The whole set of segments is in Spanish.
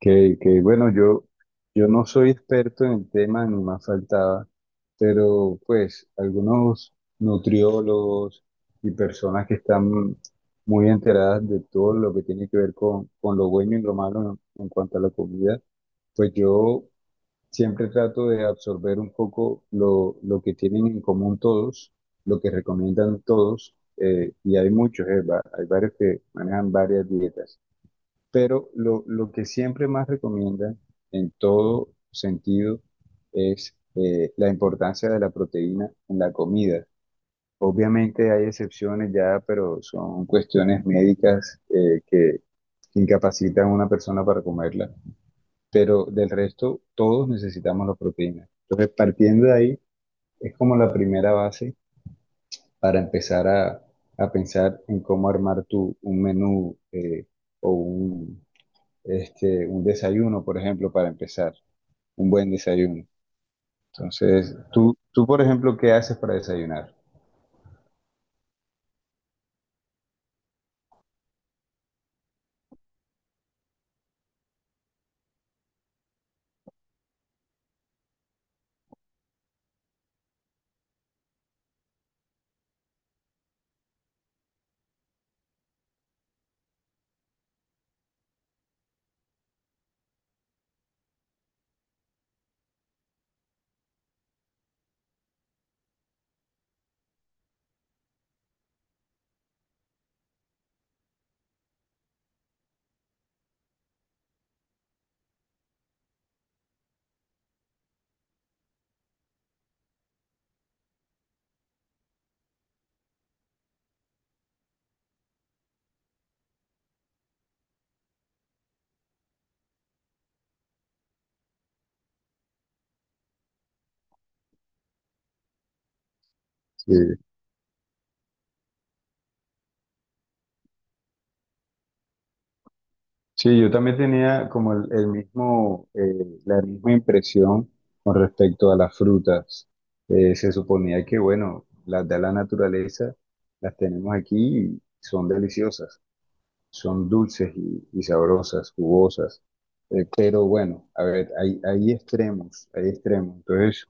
Que, que, bueno, yo, yo no soy experto en el tema, ni más faltaba, pero pues algunos nutriólogos y personas que están muy enteradas de todo lo que tiene que ver con lo bueno y lo malo en cuanto a la comida, pues yo siempre trato de absorber un poco lo que tienen en común todos, lo que recomiendan todos, y hay muchos, hay varios que manejan varias dietas. Pero lo que siempre más recomiendan en todo sentido es la importancia de la proteína en la comida. Obviamente hay excepciones ya, pero son cuestiones médicas que incapacitan a una persona para comerla. Pero del resto, todos necesitamos la proteína. Entonces, partiendo de ahí, es como la primera base para empezar a pensar en cómo armar un menú o un, un desayuno, por ejemplo, para empezar, un buen desayuno. Entonces, tú, por ejemplo, ¿qué haces para desayunar? Sí. Sí, yo también tenía como el mismo, la misma impresión con respecto a las frutas. Se suponía que, bueno, las da la naturaleza, las tenemos aquí y son deliciosas, son dulces y sabrosas, jugosas. Pero bueno, a ver, hay extremos, hay extremos. Entonces,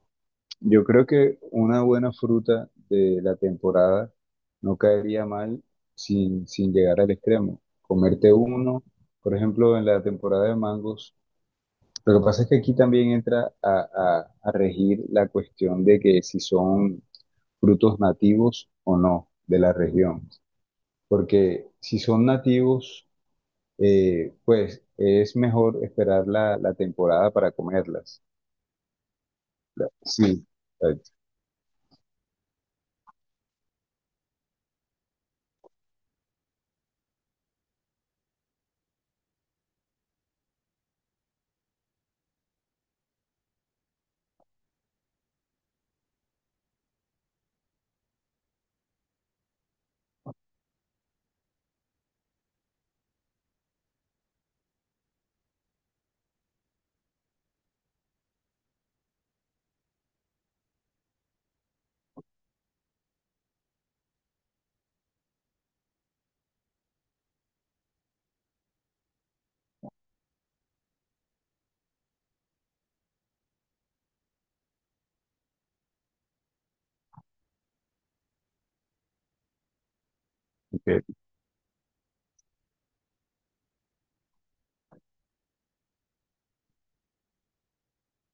yo creo que una buena fruta de la temporada no caería mal sin llegar al extremo. Comerte uno, por ejemplo, en la temporada de mangos. Lo que pasa es que aquí también entra a regir la cuestión de que si son frutos nativos o no de la región. Porque si son nativos, pues es mejor esperar la temporada para comerlas. Sí, ok.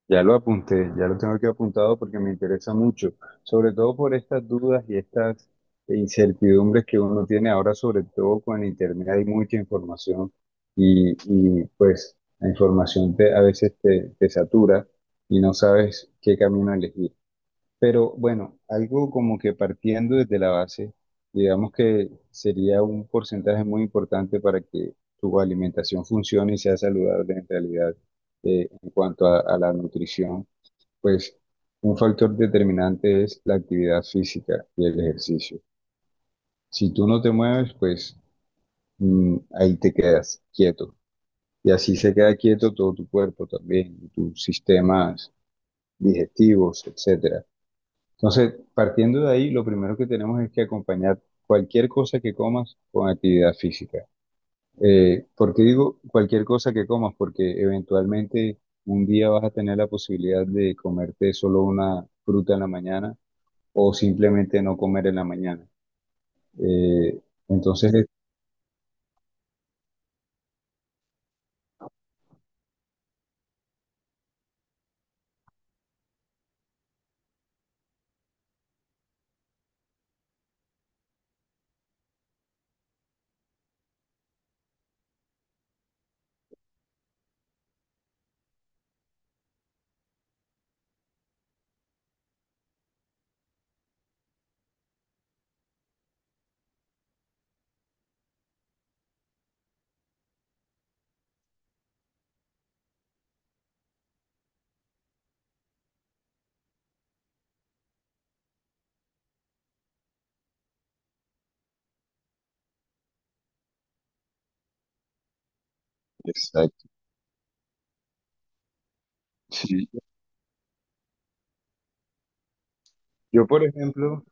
Ya lo apunté, ya lo tengo aquí apuntado porque me interesa mucho, sobre todo por estas dudas y estas incertidumbres que uno tiene ahora, sobre todo con Internet hay mucha información pues la información a veces te satura y no sabes qué camino elegir. Pero bueno, algo como que partiendo desde la base, digamos que sería un porcentaje muy importante para que tu alimentación funcione y sea saludable en realidad, en cuanto a la nutrición, pues un factor determinante es la actividad física y el ejercicio. Si tú no te mueves, pues ahí te quedas quieto. Y así se queda quieto todo tu cuerpo también, tus sistemas digestivos, etc. Entonces, partiendo de ahí, lo primero que tenemos es que acompañar cualquier cosa que comas con actividad física. ¿Por qué digo cualquier cosa que comas? Porque eventualmente un día vas a tener la posibilidad de comerte solo una fruta en la mañana o simplemente no comer en la mañana. Eh, entonces, exacto. Sí, yo, por ejemplo,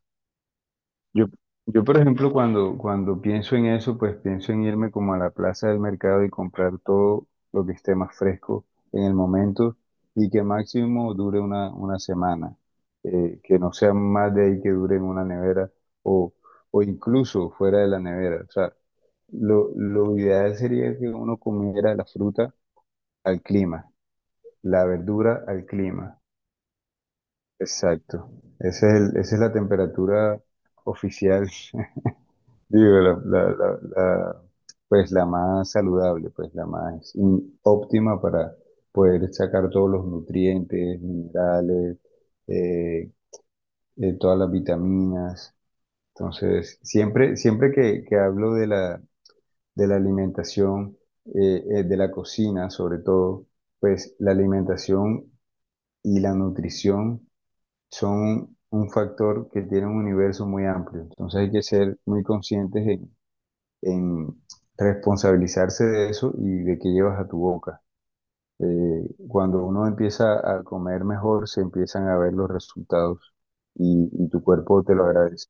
Yo, yo, por ejemplo, cuando pienso en eso, pues pienso en irme como a la plaza del mercado y comprar todo lo que esté más fresco en el momento y que máximo dure una semana, que no sea más de ahí que dure en una nevera o, o incluso fuera de la nevera. O sea, lo ideal sería que uno comiera la fruta al clima, la verdura al clima. Exacto. Esa es la temperatura oficial. Digo, la- la- la- Pues la más saludable, pues la más óptima para poder sacar todos los nutrientes, minerales, eh, todas las vitaminas. Entonces, siempre, siempre que hablo de la alimentación, de la cocina sobre todo, pues la alimentación y la nutrición son un factor que tiene un universo muy amplio. Entonces hay que ser muy conscientes en responsabilizarse de eso y de qué llevas a tu boca. Cuando uno empieza a comer mejor, se empiezan a ver los resultados y tu cuerpo te lo agradece.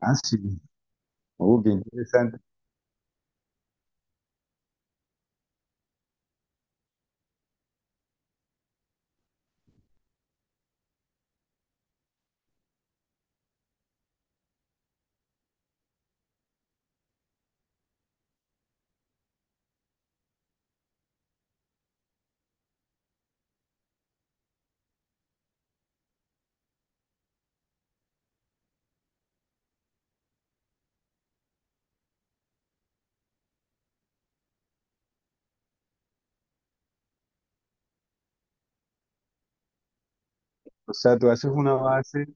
Ah, sí, qué interesante. O sea, tú haces una base,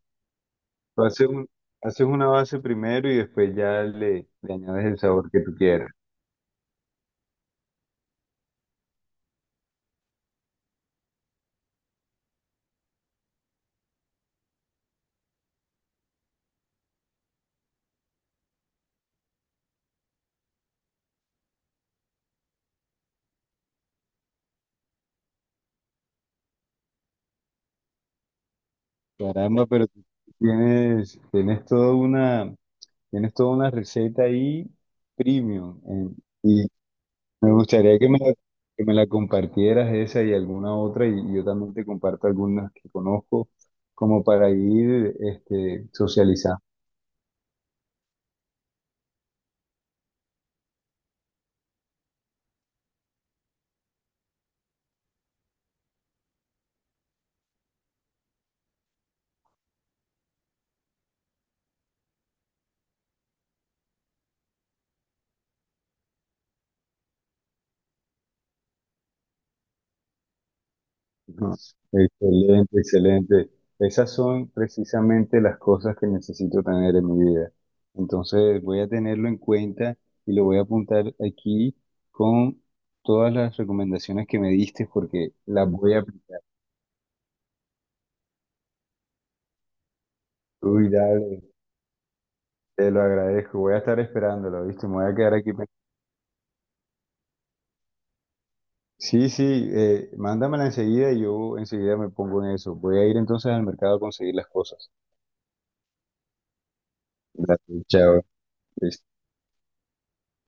tú haces un- haces una base primero y después ya le añades el sabor que tú quieras. Caramba, pero tú tienes, tienes toda una, tienes toda una receta ahí premium. eh, Me gustaría que me la compartieras, esa y alguna otra, y yo también te comparto algunas que conozco como para ir, este, socializando. ¿No? Excelente, excelente. Esas son precisamente las cosas que necesito tener en mi vida. Entonces voy a tenerlo en cuenta y lo voy a apuntar aquí con todas las recomendaciones que me diste porque las voy a aplicar. Uy, dale, te lo agradezco. Voy a estar esperándolo, ¿viste? Me voy a quedar aquí. Sí, sí, mándamela enseguida y yo enseguida me pongo en eso. Voy a ir entonces al mercado a conseguir las cosas. Gracias, chao.